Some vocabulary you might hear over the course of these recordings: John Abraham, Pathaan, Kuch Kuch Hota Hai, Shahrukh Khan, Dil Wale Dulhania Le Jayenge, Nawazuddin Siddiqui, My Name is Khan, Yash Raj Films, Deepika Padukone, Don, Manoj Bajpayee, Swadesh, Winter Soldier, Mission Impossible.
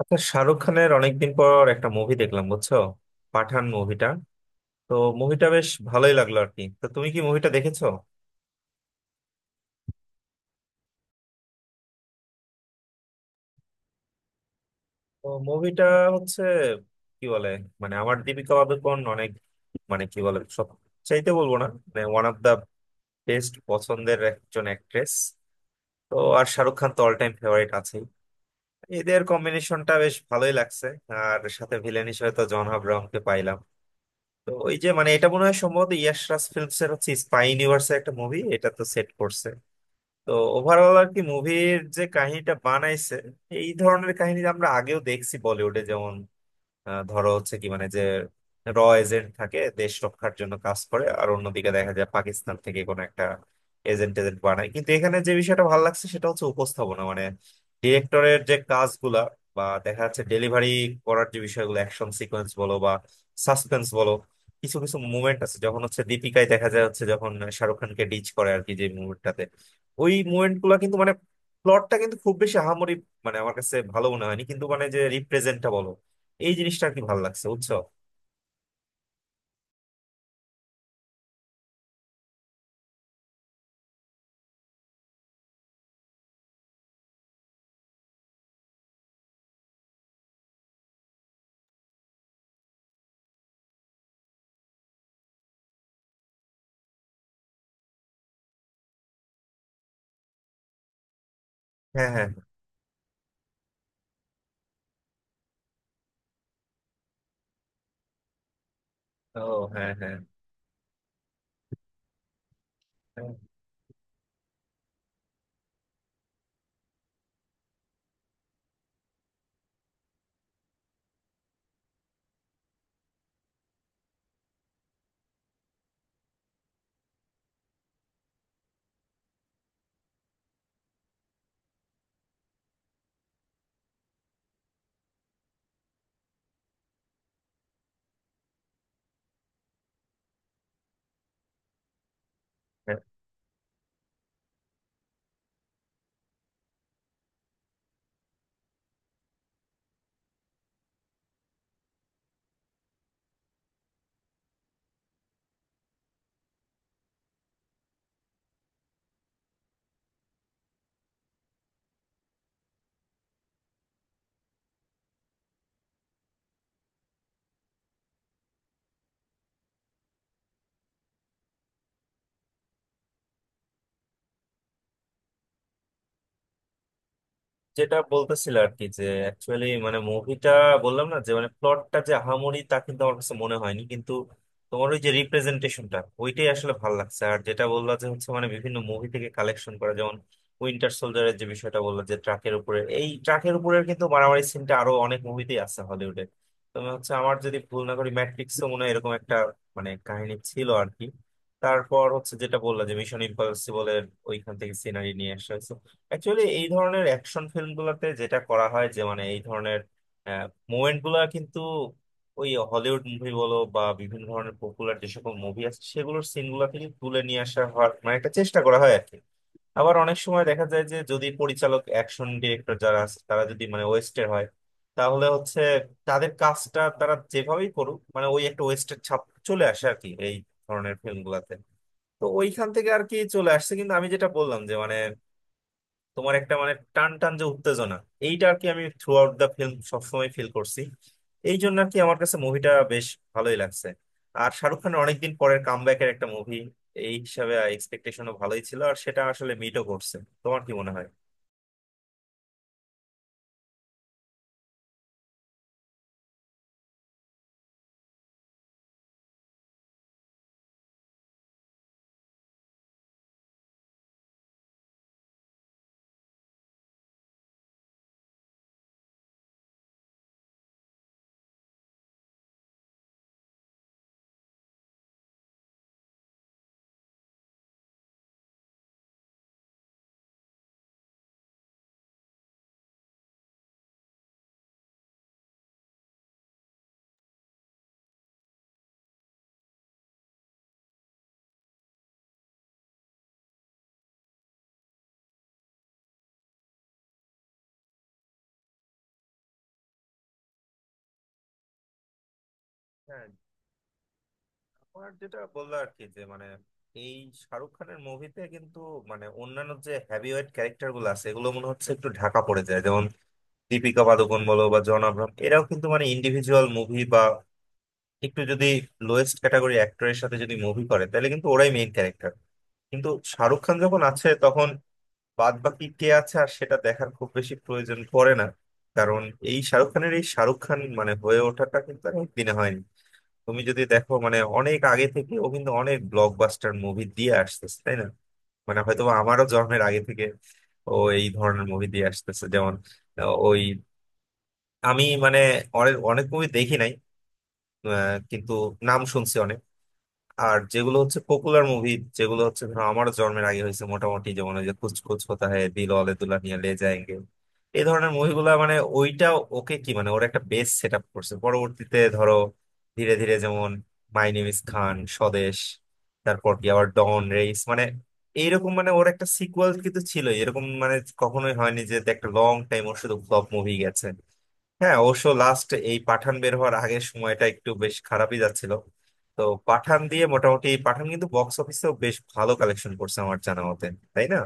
আচ্ছা, শাহরুখ খানের অনেকদিন পর একটা মুভি দেখলাম, বুঝছো? পাঠান মুভিটা। তো মুভিটা বেশ ভালোই লাগলো আর কি। তো তুমি কি মুভিটা দেখেছো? তো মুভিটা হচ্ছে কি বলে, মানে আমার দীপিকা পাদুকোন অনেক, মানে কি বলে সব চাইতে বলবো না, মানে ওয়ান অফ দা বেস্ট পছন্দের একজন অ্যাক্ট্রেস। তো আর শাহরুখ খান তো অল টাইম ফেভারিট আছেই। এদের কম্বিনেশনটা বেশ ভালোই লাগছে। আর সাথে ভিলেন হিসেবে তো জন আব্রাহামকে পাইলাম। তো ওই যে মানে এটা মনে হয় সম্ভবত ইয়াশ রাজ ফিল্মস এর হচ্ছে স্পাই ইউনিভার্সের একটা মুভি, এটা তো সেট করছে। তো ওভারঅল আর কি মুভির যে কাহিনীটা বানাইছে, এই ধরনের কাহিনী আমরা আগেও দেখছি বলিউডে, যেমন ধরো হচ্ছে কি মানে যে র এজেন্ট থাকে, দেশ রক্ষার জন্য কাজ করে, আর অন্যদিকে দেখা যায় পাকিস্তান থেকে কোনো একটা এজেন্ট এজেন্ট বানায়। কিন্তু এখানে যে বিষয়টা ভালো লাগছে সেটা হচ্ছে উপস্থাপনা, মানে ডিরেক্টরের যে কাজগুলা বা দেখা যাচ্ছে ডেলিভারি করার যে বিষয়গুলো অ্যাকশন সিকোয়েন্স বলো বা সাসপেন্স বলো। কিছু কিছু মুভমেন্ট আছে যখন হচ্ছে দীপিকায় দেখা যায় হচ্ছে যখন শাহরুখ খানকে ডিচ করে আর কি, যে মুভমেন্টটাতে ওই মুভমেন্ট গুলা কিন্তু মানে প্লটটা কিন্তু খুব বেশি আহামরি মানে আমার কাছে ভালো মনে হয়নি, কিন্তু মানে যে রিপ্রেজেন্টটা বলো এই জিনিসটা আর কি ভালো লাগছে, বুঝছো? হ্যাঁ হ্যাঁ। ও, হ্যাঁ হ্যাঁ। হ্যাঁ, যেটা বলতেছিল আর কি যে অ্যাকচুয়ালি মানে মুভিটা, বললাম না যে মানে প্লটটা যে আহামরি তা কিন্তু আমার কাছে মনে হয়নি, কিন্তু তোমার ওই যে রিপ্রেজেন্টেশনটা ওইটাই আসলে ভালো লাগছে। আর যেটা বললা যে হচ্ছে মানে বিভিন্ন মুভি থেকে কালেকশন করা, যেমন উইন্টার সোলজারের যে বিষয়টা বললা, যে ট্রাকের উপরে, এই ট্রাকের উপরে কিন্তু মারামারি সিনটা আরো অনেক মুভিতেই আছে হলিউডে। তুমি হচ্ছে আমার যদি ভুল না করি ম্যাট্রিক্সও মনে হয় এরকম একটা মানে কাহিনী ছিল আর কি। তারপর হচ্ছে যেটা বললা যে মিশন ইম্পসিবল এর ওইখান থেকে সিনারি নিয়ে আসা হয়েছে। অ্যাকচুয়ালি এই ধরনের অ্যাকশন ফিল্মগুলোতে যেটা করা হয় যে মানে এই ধরনের মোমেন্ট গুলা কিন্তু ওই হলিউড মুভি বলো বা বিভিন্ন ধরনের পপুলার যে সকল মুভি আছে সেগুলোর সিন গুলা থেকে তুলে নিয়ে আসা হওয়ার মানে একটা চেষ্টা করা হয় আর কি। আবার অনেক সময় দেখা যায় যে যদি পরিচালক, অ্যাকশন ডিরেক্টর যারা আছে, তারা যদি মানে ওয়েস্টের হয়, তাহলে হচ্ছে তাদের কাজটা তারা যেভাবেই করুক, মানে ওই একটা ওয়েস্টের ছাপ চলে আসে আর কি এই ধরনের ফিল্মগুলাতে। তো ওইখান থেকে আর কি চলে আসছে। কিন্তু আমি যেটা বললাম, তোমার একটা মানে টান টান যে উত্তেজনা, এইটা আর কি আমি থ্রু আউট দ্য ফিল্ম সবসময় ফিল করছি। এই জন্য আর কি আমার কাছে মুভিটা বেশ ভালোই লাগছে। আর শাহরুখ খানের অনেকদিন পরের কামব্যাকের একটা মুভি এই হিসাবে এক্সপেকটেশনও ভালোই ছিল, আর সেটা আসলে মিটও করছে। তোমার কি মনে হয়? হ্যাঁ। আমার যেটা বললো আর কি যে মানে এই শাহরুখ খানের মুভিতে কিন্তু মানে অন্যান্য যে হ্যাভিওয়েট ক্যারেক্টার গুলো আছে এগুলো মনে হচ্ছে একটু ঢাকা পড়ে যায়, যেমন দীপিকা পাদুকোন বলো বা জন আব্রাহাম, এরাও কিন্তু মানে ইন্ডিভিজুয়াল মুভি বা একটু যদি লোয়েস্ট ক্যাটাগরি অ্যাক্টরের সাথে যদি মুভি করে তাহলে কিন্তু ওরাই মেইন ক্যারেক্টার। কিন্তু শাহরুখ খান যখন আছে তখন বাদ বাকি কে আছে আর সেটা দেখার খুব বেশি প্রয়োজন পড়ে না। কারণ এই শাহরুখ খানের এই শাহরুখ খান মানে হয়ে ওঠাটা কিন্তু অনেক দিনে হয়নি। তুমি যদি দেখো মানে অনেক আগে থেকে ও কিন্তু অনেক ব্লকবাস্টার মুভি দিয়ে আসতেছে, তাই না? মানে হয়তো বা আমারও জন্মের আগে থেকে ও এই ধরনের মুভি দিয়ে আসতেছে, যেমন ওই, আমি মানে অনেক অনেক মুভি দেখি নাই, কিন্তু নাম শুনছি অনেক। আর যেগুলো হচ্ছে পপুলার মুভি, যেগুলো হচ্ছে ধরো আমার জন্মের আগে হয়েছে মোটামুটি, যেমন ওই যে কুছ কুছ হোতা হ্যায়, দিল ওয়ালে দুলহানিয়া লে যায়েঙ্গে, এই ধরনের মুভিগুলো মানে ওইটা ওকে কি মানে ওর একটা বেস সেট আপ করছে, পরবর্তীতে ধরো ধীরে ধীরে, যেমন my name is Khan, Swades, তারপর কি আবার ডন, রেইস, মানে এইরকম মানে ওর একটা সিকুয়েল কিন্তু ছিল, এরকম মানে কখনোই হয়নি যে একটা লং টাইম ওর শুধু ফ্লপ মুভি গেছে। হ্যাঁ, অবশ্য লাস্ট এই পাঠান বের হওয়ার আগের সময়টা একটু বেশ খারাপই যাচ্ছিল। তো পাঠান দিয়ে মোটামুটি, পাঠান কিন্তু বক্স অফিসেও বেশ ভালো কালেকশন করছে আমার জানা মতে, তাই না?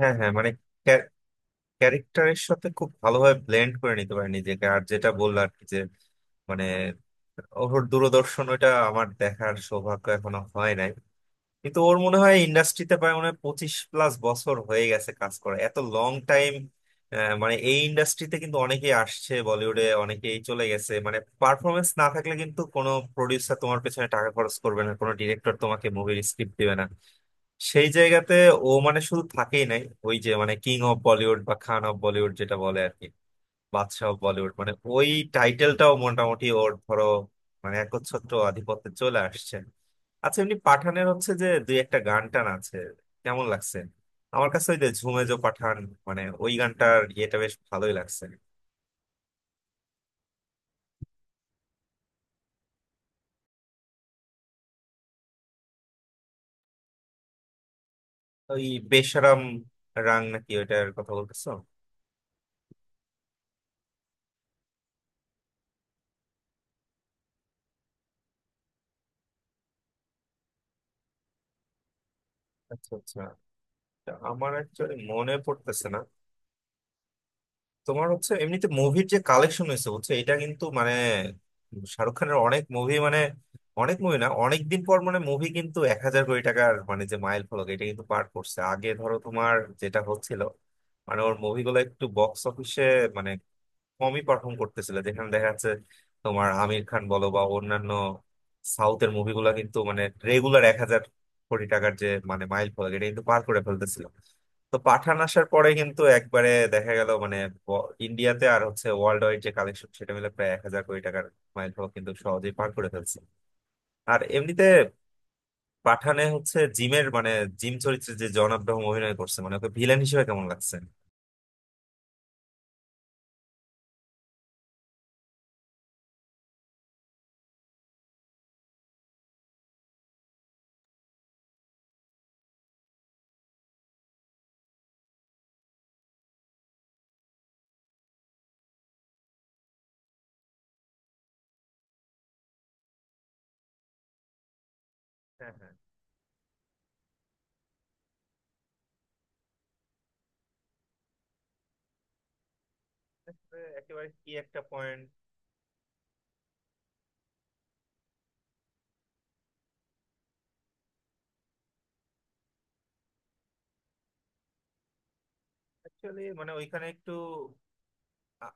হ্যাঁ হ্যাঁ, মানে ক্যারেক্টারের সাথে খুব ভালোভাবে ব্লেন্ড করে নিতে পারে নিজেকে। আর যেটা বললো আর কি যে মানে ওর দূরদর্শন ওটা আমার দেখার সৌভাগ্য এখনো হয় নাই, কিন্তু ওর মনে হয় ইন্ডাস্ট্রিতে প্রায় মনে হয় 25+ বছর হয়ে গেছে কাজ করা, এত লং টাইম। মানে এই ইন্ডাস্ট্রিতে কিন্তু অনেকেই আসছে বলিউডে, অনেকেই চলে গেছে, মানে পারফরমেন্স না থাকলে কিন্তু কোনো প্রডিউসার তোমার পেছনে টাকা খরচ করবে না, কোনো ডিরেক্টর তোমাকে মুভির স্ক্রিপ্ট দিবে না। সেই জায়গাতে ও মানে শুধু থাকেই নাই, ওই যে মানে কিং অফ বলিউড বা খান অফ বলিউড যেটা বলে আর কি, বাদশা অফ বলিউড, মানে ওই টাইটেলটাও মোটামুটি ওর ধরো মানে একচ্ছত্র আধিপত্যে চলে আসছে। আচ্ছা, এমনি পাঠানের হচ্ছে যে দুই একটা গান টান আছে, কেমন লাগছে? আমার কাছে ওই যে ঝুমে জো পাঠান, মানে ওই গানটার ইয়েটা বেশ ভালোই লাগছে। ওই বেশরম রাং নাকি, ওইটার কথা বলতেছো? আচ্ছা আচ্ছা। তা আমার অ্যাকচুয়ালি মনে পড়তেছে না। তোমার হচ্ছে এমনিতে মুভির যে কালেকশন হয়েছে বুঝছো, এটা কিন্তু মানে শাহরুখ খানের অনেক মুভি, মানে অনেক মুভি না, অনেকদিন পর মানে মুভি কিন্তু 1,000 কোটি টাকার মানে যে মাইল ফলক এটা কিন্তু পার করছে। আগে ধরো তোমার যেটা হচ্ছিল মানে ওর মুভিগুলো একটু বক্স অফিসে মানে কমই পারফর্ম করতেছিল, যেখানে দেখা যাচ্ছে তোমার আমির খান বলো বা অন্যান্য সাউথের মুভিগুলা কিন্তু মানে রেগুলার 1,000 কোটি টাকার যে মানে মাইল ফলক এটা কিন্তু পার করে ফেলতেছিল। তো পাঠান আসার পরে কিন্তু একবারে দেখা গেল মানে ইন্ডিয়াতে আর হচ্ছে ওয়ার্ল্ড ওয়াইড যে কালেকশন সেটা মিলে প্রায় 1,000 কোটি টাকার মাইল ফলক কিন্তু সহজেই পার করে ফেলছে। আর এমনিতে পাঠানে হচ্ছে জিমের মানে জিম চরিত্রে যে জন আব্রাহাম অভিনয় করছে, মানে ওকে ভিলেন হিসেবে কেমন লাগছে? হ্যাঁ হ্যাঁ, একেবারে কি একটা পয়েন্ট। অ্যাকচুয়ালি মানে ওইখানে একটু আ-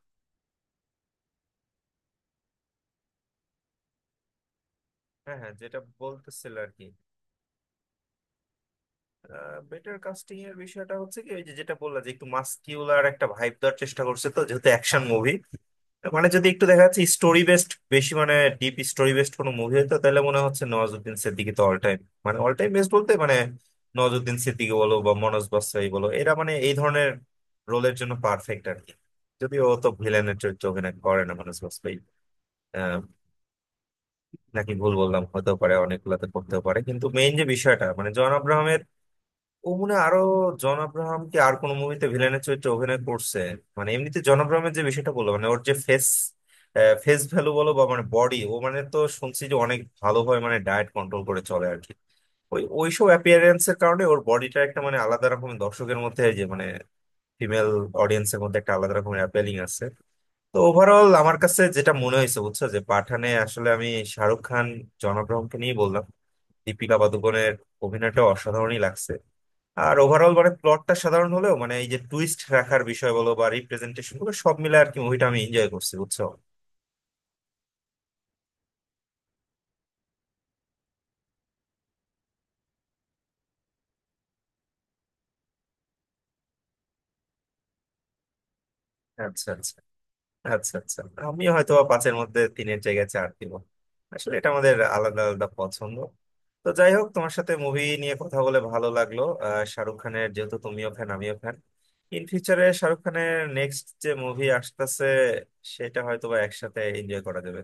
হ্যাঁ হ্যাঁ, যেটা বলতেছিল আর কি, বেটার কাস্টিং এর বিষয়টা হচ্ছে কি ওই যে যেটা বললা যে একটু মাস্কিউলার একটা ভাইব দেওয়ার চেষ্টা করছে, তো যেহেতু অ্যাকশন মুভি, মানে যদি একটু দেখা যাচ্ছে স্টোরি বেসড বেশি, মানে ডিপ স্টোরি বেসড কোনো মুভি হতো, তাহলে মনে হচ্ছে নওয়াজুদ্দিন সিদ্দিকী তো অল টাইম মানে অল টাইম বেস্ট বলতে মানে নওয়াজুদ্দিন সিদ্দিকী বলো বা মনোজ বাসাই বলো, এরা মানে এই ধরনের রোলের জন্য পারফেক্ট আর কি। যদিও ও তো ভিলেনের চরিত্র অভিনয় করে না মনোজ বাজপেয়ী, নাকি ভুল বললাম, হতেও পারে, অনেকগুলাতে করতেও পারে। কিন্তু মেইন যে বিষয়টা মানে জন আব্রাহামের, ও মনে হয় আরো, জন আব্রাহাম কি আর কোনো মুভিতে ভিলেনের চরিত্রে অভিনয় করছে? মানে এমনিতে জন আব্রাহামের যে বিষয়টা বললো মানে ওর যে ফেস ফেস ভ্যালু বলো বা মানে বডি, ও মানে তো শুনছি যে অনেক ভালোভাবে মানে ডায়েট কন্ট্রোল করে চলে আর কি। ওই ওইসব অ্যাপিয়ারেন্স এর কারণে ওর বডিটা একটা মানে আলাদা রকমের দর্শকের মধ্যে, এই যে মানে ফিমেল অডিয়েন্সের মধ্যে একটা আলাদা রকমের অ্যাপিলিং আছে। তো ওভারঅল আমার কাছে যেটা মনে হয়েছে বুঝছো যে পাঠানে আসলে আমি শাহরুখ খান, জনগ্রহণকে নিয়ে বললাম, দীপিকা পাদুকোনের অভিনয়টা অসাধারণই লাগছে। আর ওভারঅল মানে প্লটটা সাধারণ হলেও মানে এই যে টুইস্ট রাখার বিষয় বলো বা রিপ্রেজেন্টেশন গুলো সব মিলে আর কি মুভিটা আমি এনজয় করছি, বুঝছো? আচ্ছা আচ্ছা। আচ্ছা আচ্ছা। আমি হয়তো বা পাঁচের মধ্যে তিনের জায়গায় চার দিব। আসলে এটা আমাদের আলাদা আলাদা পছন্দ। তো যাই হোক, তোমার সাথে মুভি নিয়ে কথা বলে ভালো লাগলো। শাহরুখ খানের যেহেতু তুমিও ফ্যান, আমিও ফ্যান, ইন ফিউচারে শাহরুখ খানের নেক্সট যে মুভি আসতেছে সেটা হয়তো বা একসাথে এনজয় করা যাবে।